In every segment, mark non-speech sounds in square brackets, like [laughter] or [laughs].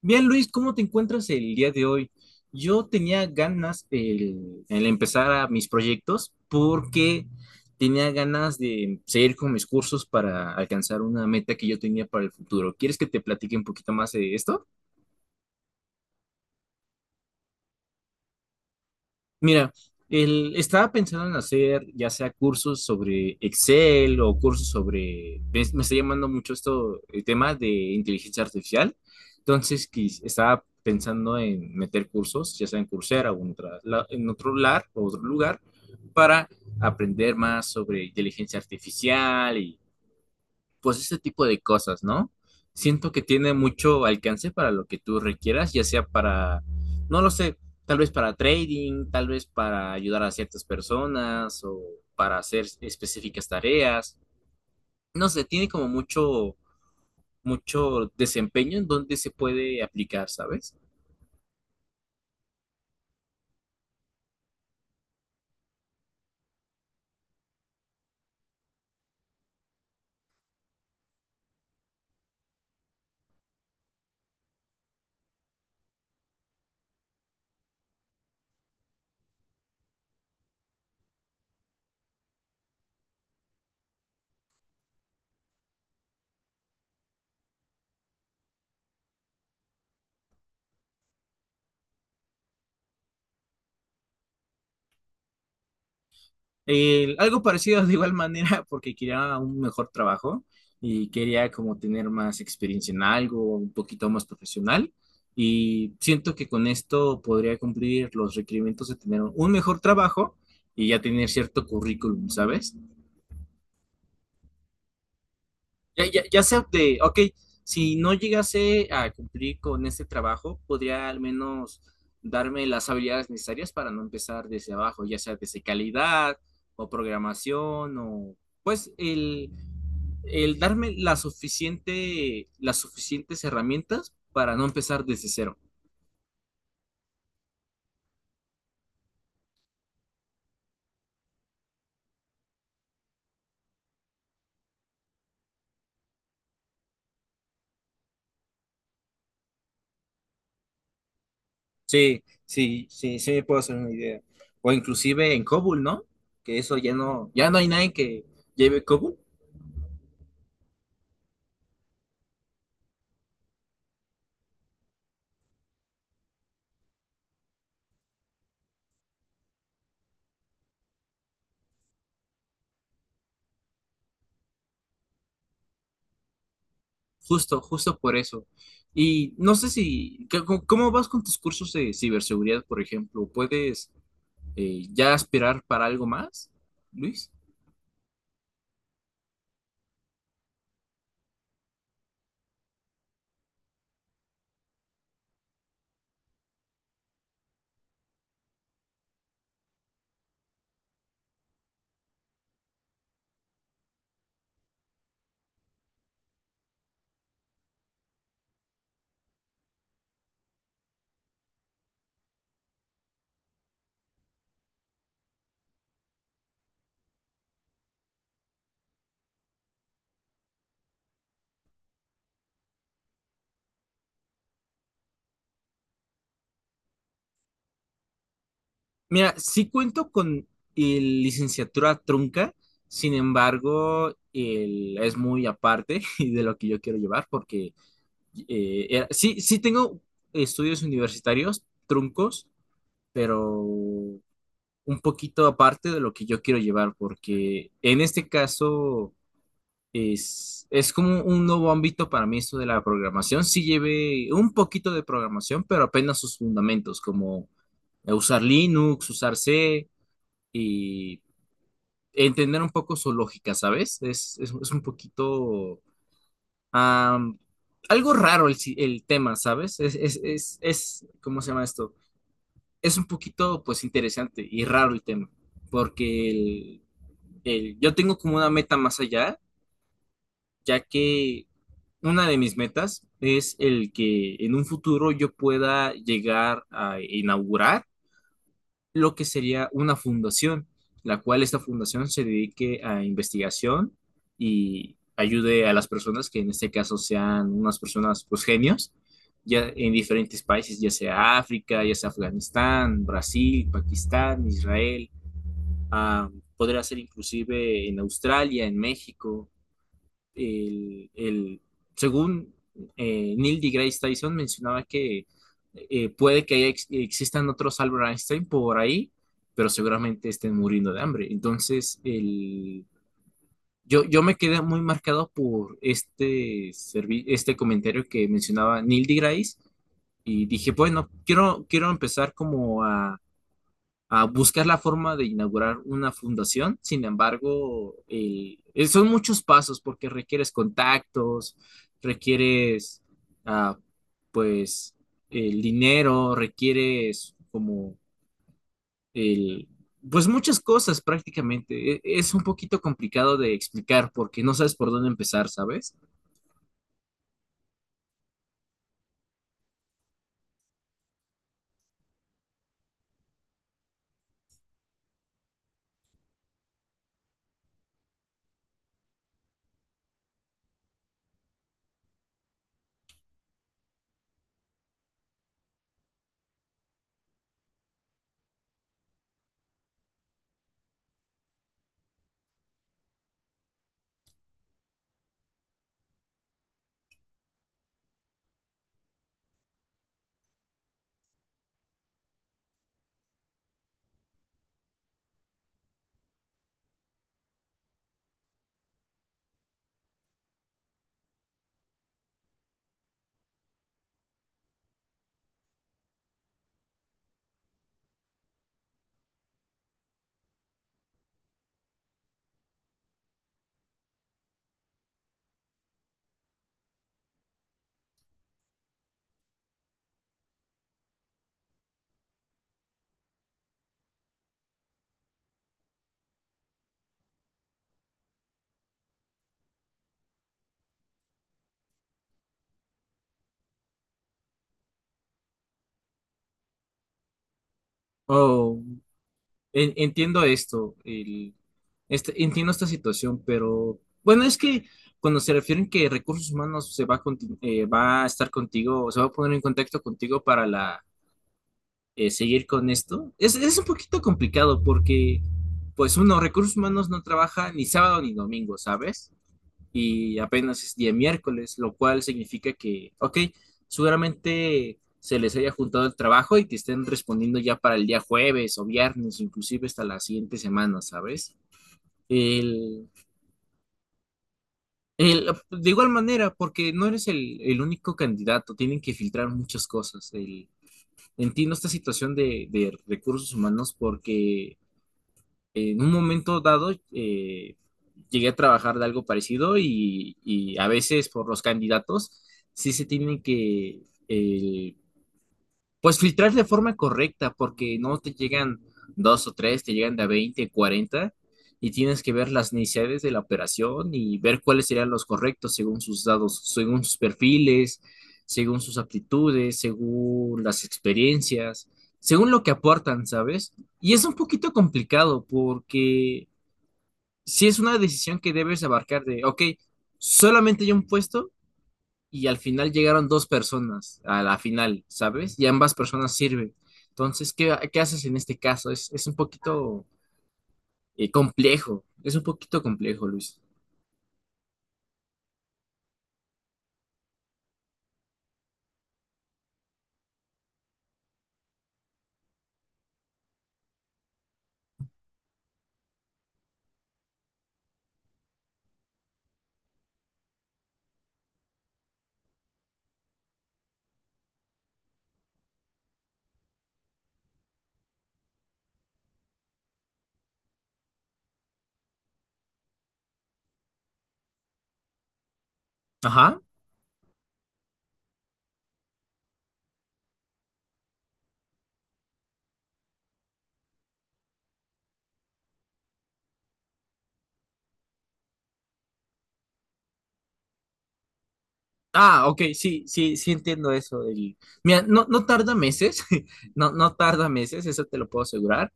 Bien, Luis, ¿cómo te encuentras el día de hoy? Yo tenía ganas el empezar a mis proyectos porque tenía ganas de seguir con mis cursos para alcanzar una meta que yo tenía para el futuro. ¿Quieres que te platique un poquito más de esto? Mira, estaba pensando en hacer ya sea cursos sobre Excel o cursos sobre, me está llamando mucho esto, el tema de inteligencia artificial. Entonces, estaba pensando en meter cursos, ya sea en Coursera o en otro lugar, para aprender más sobre inteligencia artificial, pues ese tipo de cosas, ¿no? Siento que tiene mucho alcance para lo que tú requieras, ya sea para, no lo sé, tal vez para trading, tal vez para ayudar a ciertas personas o para hacer específicas tareas. No sé, tiene como mucho, mucho desempeño en donde se puede aplicar, ¿sabes? Algo parecido de igual manera porque quería un mejor trabajo y quería como tener más experiencia en algo, un poquito más profesional, y siento que con esto podría cumplir los requerimientos de tener un mejor trabajo y ya tener cierto currículum, ¿sabes? Ya sea de, ok, si no llegase a cumplir con este trabajo, podría al menos darme las habilidades necesarias para no empezar desde abajo, ya sea desde calidad o programación o pues el darme la suficiente, las suficientes herramientas para no empezar desde cero. Sí, sí, sí, sí me puedo hacer una idea. O inclusive en COBOL, ¿no? Que eso ya no, ya no hay nadie que lleve COBOL. Justo, justo por eso. Y no sé si, ¿cómo vas con tus cursos de ciberseguridad, por ejemplo? ¿Puedes ya aspirar para algo más, Luis? Mira, sí cuento con el licenciatura trunca, sin embargo, es muy aparte [laughs] de lo que yo quiero llevar, porque sí, sí tengo estudios universitarios truncos, pero un poquito aparte de lo que yo quiero llevar, porque en este caso es como un nuevo ámbito para mí esto de la programación. Sí llevé un poquito de programación, pero apenas sus fundamentos, como usar Linux, usar C y entender un poco su lógica, ¿sabes? Es un poquito am, algo raro el, el tema, ¿sabes? Es, ¿cómo se llama esto? Es un poquito, pues, interesante y raro el tema, porque yo tengo como una meta más allá, ya que una de mis metas es el que en un futuro yo pueda llegar a inaugurar lo que sería una fundación, la cual esta fundación se dedique a investigación y ayude a las personas que en este caso sean unas personas pues genios, ya en diferentes países, ya sea África, ya sea Afganistán, Brasil, Pakistán, Israel, ah, podría ser inclusive en Australia, en México, el, el- según Neil deGrasse Tyson mencionaba que puede que haya existan otros Albert Einstein por ahí, pero seguramente estén muriendo de hambre. Entonces, yo, yo me quedé muy marcado por este comentario que mencionaba Neil deGrasse y dije, bueno, quiero, quiero empezar como a buscar la forma de inaugurar una fundación. Sin embargo, son muchos pasos porque requieres contactos, requieres, ah, pues, el dinero, requieres como el, pues muchas cosas prácticamente. Es un poquito complicado de explicar porque no sabes por dónde empezar, ¿sabes? O Entiendo esto, entiendo esta situación, pero bueno, es que cuando se refieren que recursos humanos se va a, va a estar contigo, o se va a poner en contacto contigo para la, seguir con esto, es un poquito complicado porque, pues uno, recursos humanos no trabaja ni sábado ni domingo, ¿sabes? Y apenas es día miércoles, lo cual significa que, ok, seguramente se les haya juntado el trabajo y que estén respondiendo ya para el día jueves o viernes, inclusive hasta la siguiente semana, ¿sabes? El, de igual manera, porque no eres el único candidato, tienen que filtrar muchas cosas. Entiendo esta situación de recursos humanos porque en un momento dado llegué a trabajar de algo parecido y a veces por los candidatos sí se tiene que eh, pues filtrar de forma correcta, porque no te llegan dos o tres, te llegan de a 20, 40, y tienes que ver las necesidades de la operación y ver cuáles serían los correctos según sus dados, según sus perfiles, según sus aptitudes, según las experiencias, según lo que aportan, ¿sabes? Y es un poquito complicado porque si es una decisión que debes abarcar de, ok, solamente hay un puesto y al final llegaron dos personas a la final, ¿sabes? Y ambas personas sirven. Entonces, ¿qué, qué haces en este caso? Es un poquito complejo, es un poquito complejo, Luis. Ajá. Ah, ok, sí, sí, sí entiendo eso. Mira, no, no tarda meses, [laughs] no, no tarda meses, eso te lo puedo asegurar.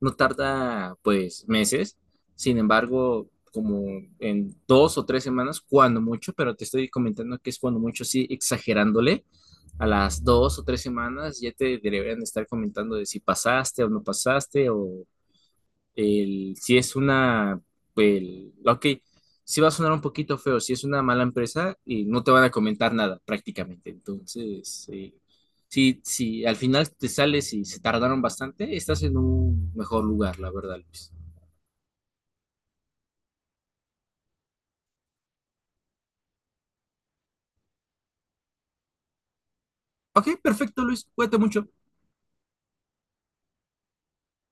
No tarda, pues, meses. Sin embargo, como en dos o tres semanas, cuando mucho, pero te estoy comentando que es cuando mucho, sí, exagerándole. A las dos o tres semanas ya te deberían estar comentando de si pasaste o no pasaste o si es una, ok, si va a sonar un poquito feo, si es una mala empresa, y no te van a comentar nada prácticamente. Entonces, si, si al final te sales y se tardaron bastante, estás en un mejor lugar, la verdad, Luis. Ok, perfecto, Luis, cuídate mucho.